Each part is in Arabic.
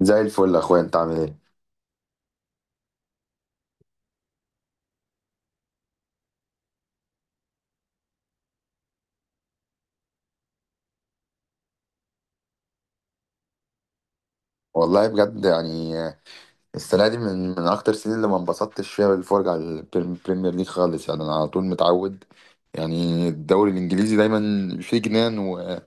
زي الفل يا اخويا، انت عامل ايه؟ والله بجد يعني السنه دي من اكتر السنين اللي ما انبسطتش فيها بالفرجه على البريمير ليج خالص، يعني انا على طول متعود، يعني الدوري الانجليزي دايما فيه جنان، و...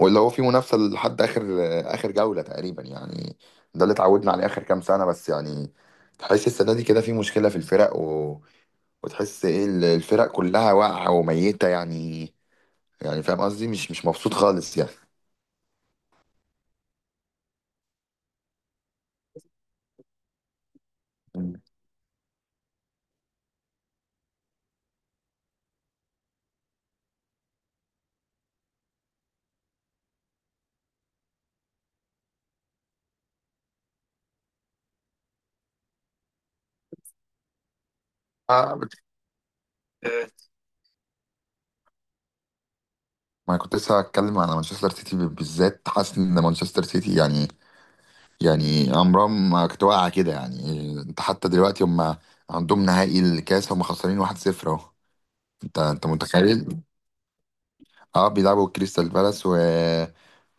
واللي هو فيه منافسه لحد اخر جوله تقريبا يعني. ده اللي اتعودنا عليه اخر كام سنه، بس يعني تحس السنه دي كده في مشكله في الفرق، و... وتحس ايه الفرق كلها واقعه وميته يعني. يعني فاهم قصدي؟ مش مبسوط خالص يعني. آه، ما أنا كنت لسه هتكلم على مانشستر سيتي بالذات. حاسس ان مانشستر سيتي يعني، يعني عمرها ما كانت واقعه كده. يعني انت حتى دلوقتي هم عندهم نهائي الكاس، هم خسرانين 1-0 اهو. انت متخيل؟ اه بيلعبوا كريستال بالاس، و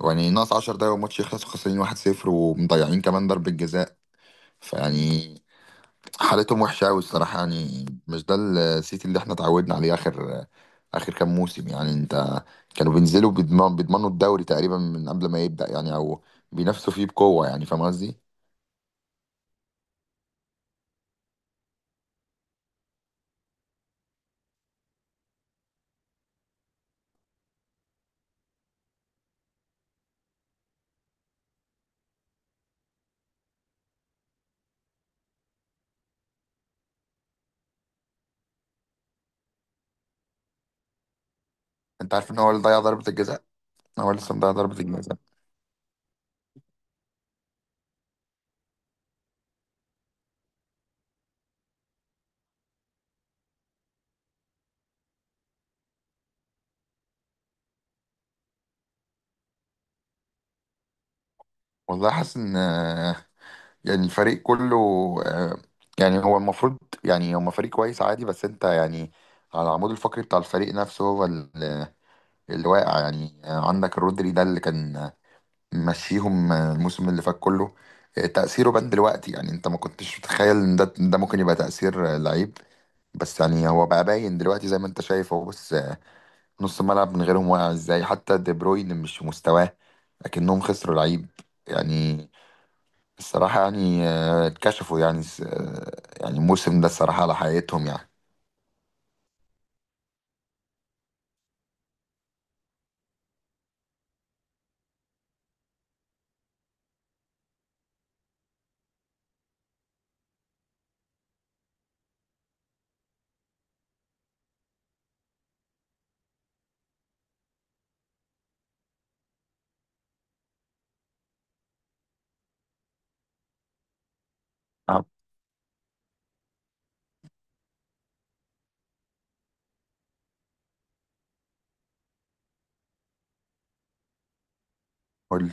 يعني ناقص 10 دقايق والماتش يخلص وخسرانين 1-0 ومضيعين كمان ضربة جزاء. فيعني حالتهم وحشة أوي الصراحة. يعني مش ده السيتي اللي احنا اتعودنا عليه آخر كام موسم يعني. أنت كانوا بينزلوا بيضمنوا الدوري تقريبا من قبل ما يبدأ يعني، أو بينافسوا فيه بقوة. يعني فاهم قصدي؟ أنت عارف إن هو اللي ضيع ضربة الجزاء؟ هو لسه مضيع ضربة الجزاء. والله حاسس إن يعني الفريق كله، آه، يعني هو المفروض، يعني هما فريق كويس عادي، بس أنت يعني على العمود الفقري بتاع الفريق نفسه هو اللي واقع يعني. عندك رودري ده اللي كان مشيهم الموسم اللي فات كله. تأثيره بان دلوقتي. يعني انت ما كنتش متخيل ان ده ممكن يبقى تأثير لعيب، بس يعني هو بقى باين دلوقتي زي ما انت شايف. هو بص، نص الملعب من غيرهم واقع ازاي، حتى دي بروين مش في مستواه. لكنهم خسروا لعيب يعني. الصراحة يعني اتكشفوا يعني يعني الموسم ده الصراحة على حقيقتهم يعني. نعم.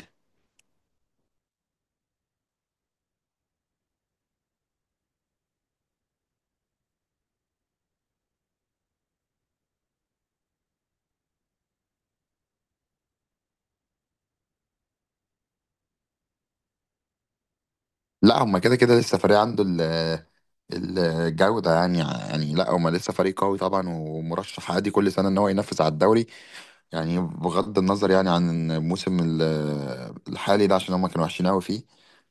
لا هما كده كده لسه فريق عنده الجودة يعني. يعني لا هما لسه فريق قوي طبعا، ومرشح عادي كل سنة ان هو ينافس على الدوري، يعني بغض النظر يعني عن الحالي ده عشان هما كانوا وحشين قوي فيه.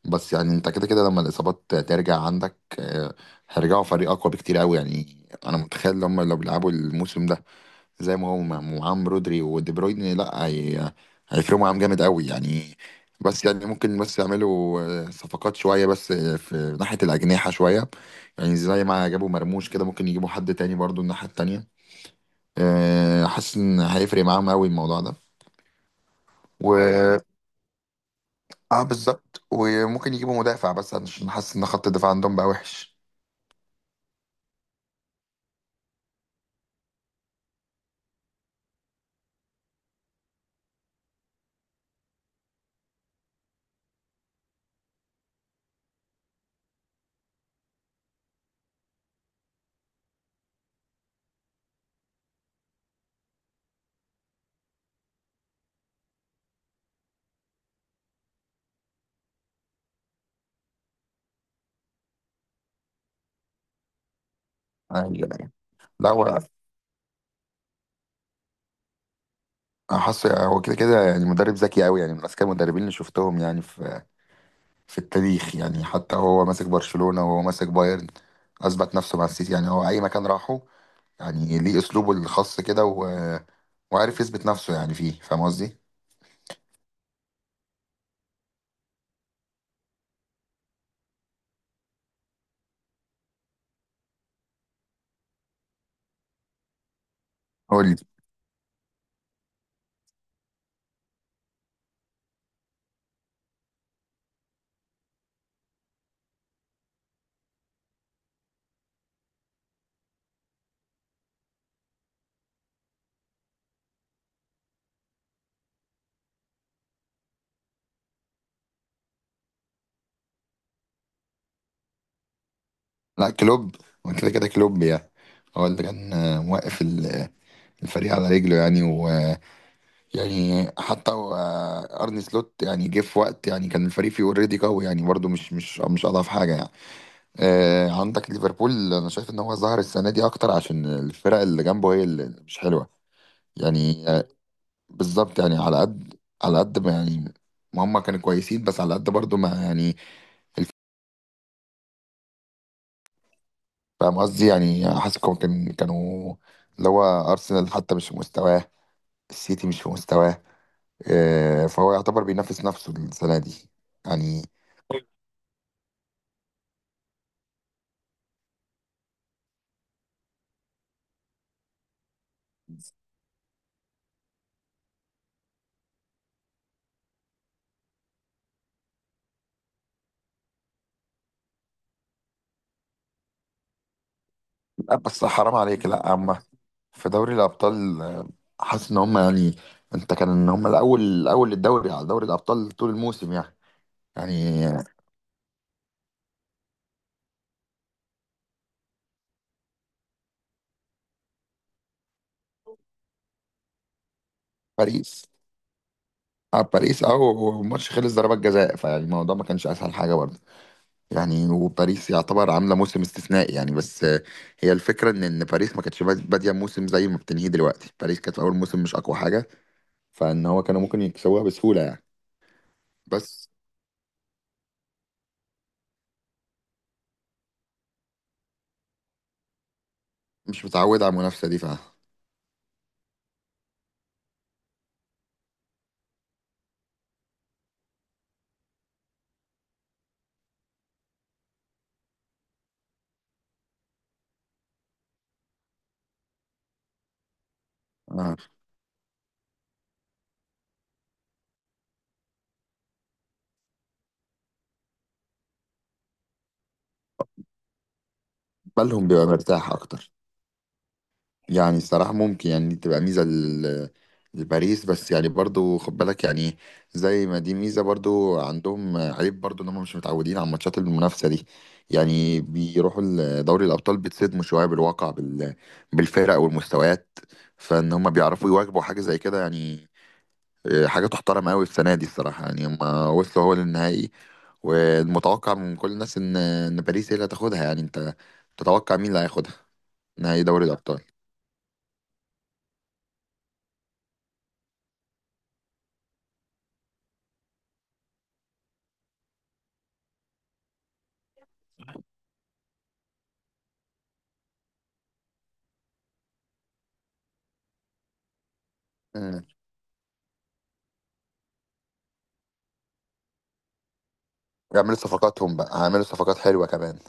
بس يعني انت كده كده لما الإصابات ترجع عندك هيرجعوا فريق أقوى بكتير قوي يعني. انا متخيل ان هما لو بيلعبوا الموسم ده زي ما هو معاهم رودري ودي بروين، لا هي... هيفرقوا معاهم جامد قوي يعني. بس يعني ممكن بس يعملوا صفقات شوية، بس في ناحية الأجنحة شوية. يعني زي ما جابوا مرموش كده ممكن يجيبوا حد تاني برضو الناحية التانية. حاسس إن هيفرق معاهم قوي الموضوع ده. و اه بالظبط، وممكن يجيبوا مدافع بس عشان حاسس إن خط الدفاع عندهم بقى وحش. أيوة. لا هو حاسس هو كده كده يعني مدرب ذكي قوي، يعني من أذكى المدربين اللي شفتهم يعني في التاريخ. يعني حتى وهو ماسك برشلونة وهو ماسك بايرن أثبت نفسه مع السيتي. يعني هو أي مكان راحه يعني ليه أسلوبه الخاص كده، و... وعارف يثبت نفسه يعني فيه. فاهم قصدي؟ قول لي. لا كلوب، هو كده كده كلوب يعني هو اللي كان موقف الفريق على رجله يعني، ويعني حتى أرني سلوت يعني جه في وقت يعني كان الفريق فيه اوريدي قوي يعني، برضه مش أضعف حاجة يعني. عندك ليفربول، أنا شايف إن هو ظهر السنة دي أكتر عشان الفرق اللي جنبه هي اللي مش حلوة. يعني بالظبط يعني على قد ما يعني ما هم كانوا كويسين، بس على قد برضو ما يعني الف- فاهم قصدي. يعني حاسس كان كانوا اللي هو ارسنال حتى مش في مستواه، السيتي مش في مستواه. فهو يعتبر بينافس نفسه السنه دي يعني. لا بس حرام عليك، لا اما في دوري الابطال حاسس ان هم يعني، انت كان ان هم الاول الاول للدوري على دوري الابطال طول الموسم يعني. يعني باريس، اه باريس. اه والماتش خلص ضربات جزاء، فيعني الموضوع ما كانش اسهل حاجه برضه. يعني وباريس يعتبر عامله موسم استثنائي يعني، بس هي الفكره ان ان باريس ما كانتش باديه موسم زي ما بتنهيه دلوقتي. باريس كانت في اول موسم مش اقوى حاجه، فان هو كانوا ممكن يكسبوها بسهوله يعني. بس مش متعود على المنافسه دي، ف آه، بالهم بيبقى مرتاح اكتر. يعني الصراحة ممكن يعني دي تبقى ميزة لباريس، بس يعني برضو خد بالك يعني زي ما دي ميزة برضو عندهم عيب برضو، ان هم مش متعودين على ماتشات المنافسة دي. يعني بيروحوا دوري الأبطال بيتصدموا شوية بالواقع بالفرق والمستويات، فان هم بيعرفوا يواجبوا حاجة زي كده يعني. حاجة تحترم قوي السنة دي الصراحة يعني. هم وصلوا هو للنهائي، والمتوقع من كل الناس ان ان باريس هي اللي هتاخدها. يعني انت تتوقع مين اللي هياخدها نهائي دوري الأبطال؟ آه. يعملوا صفقاتهم بقى، هيعملوا صفقات حلوة كمان.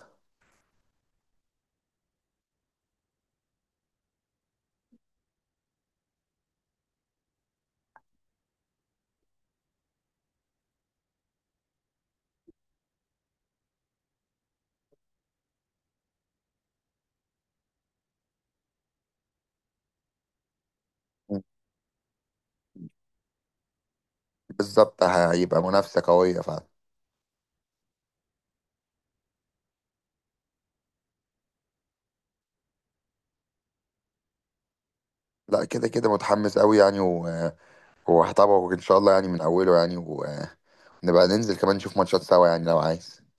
مم. بالظبط هيبقى منافسة قوية فعلا. لا كده كده متحمس قوي يعني، وهتابعه ان شاء الله يعني من اوله يعني، ونبقى ننزل كمان نشوف ماتشات سوا يعني لو عايز.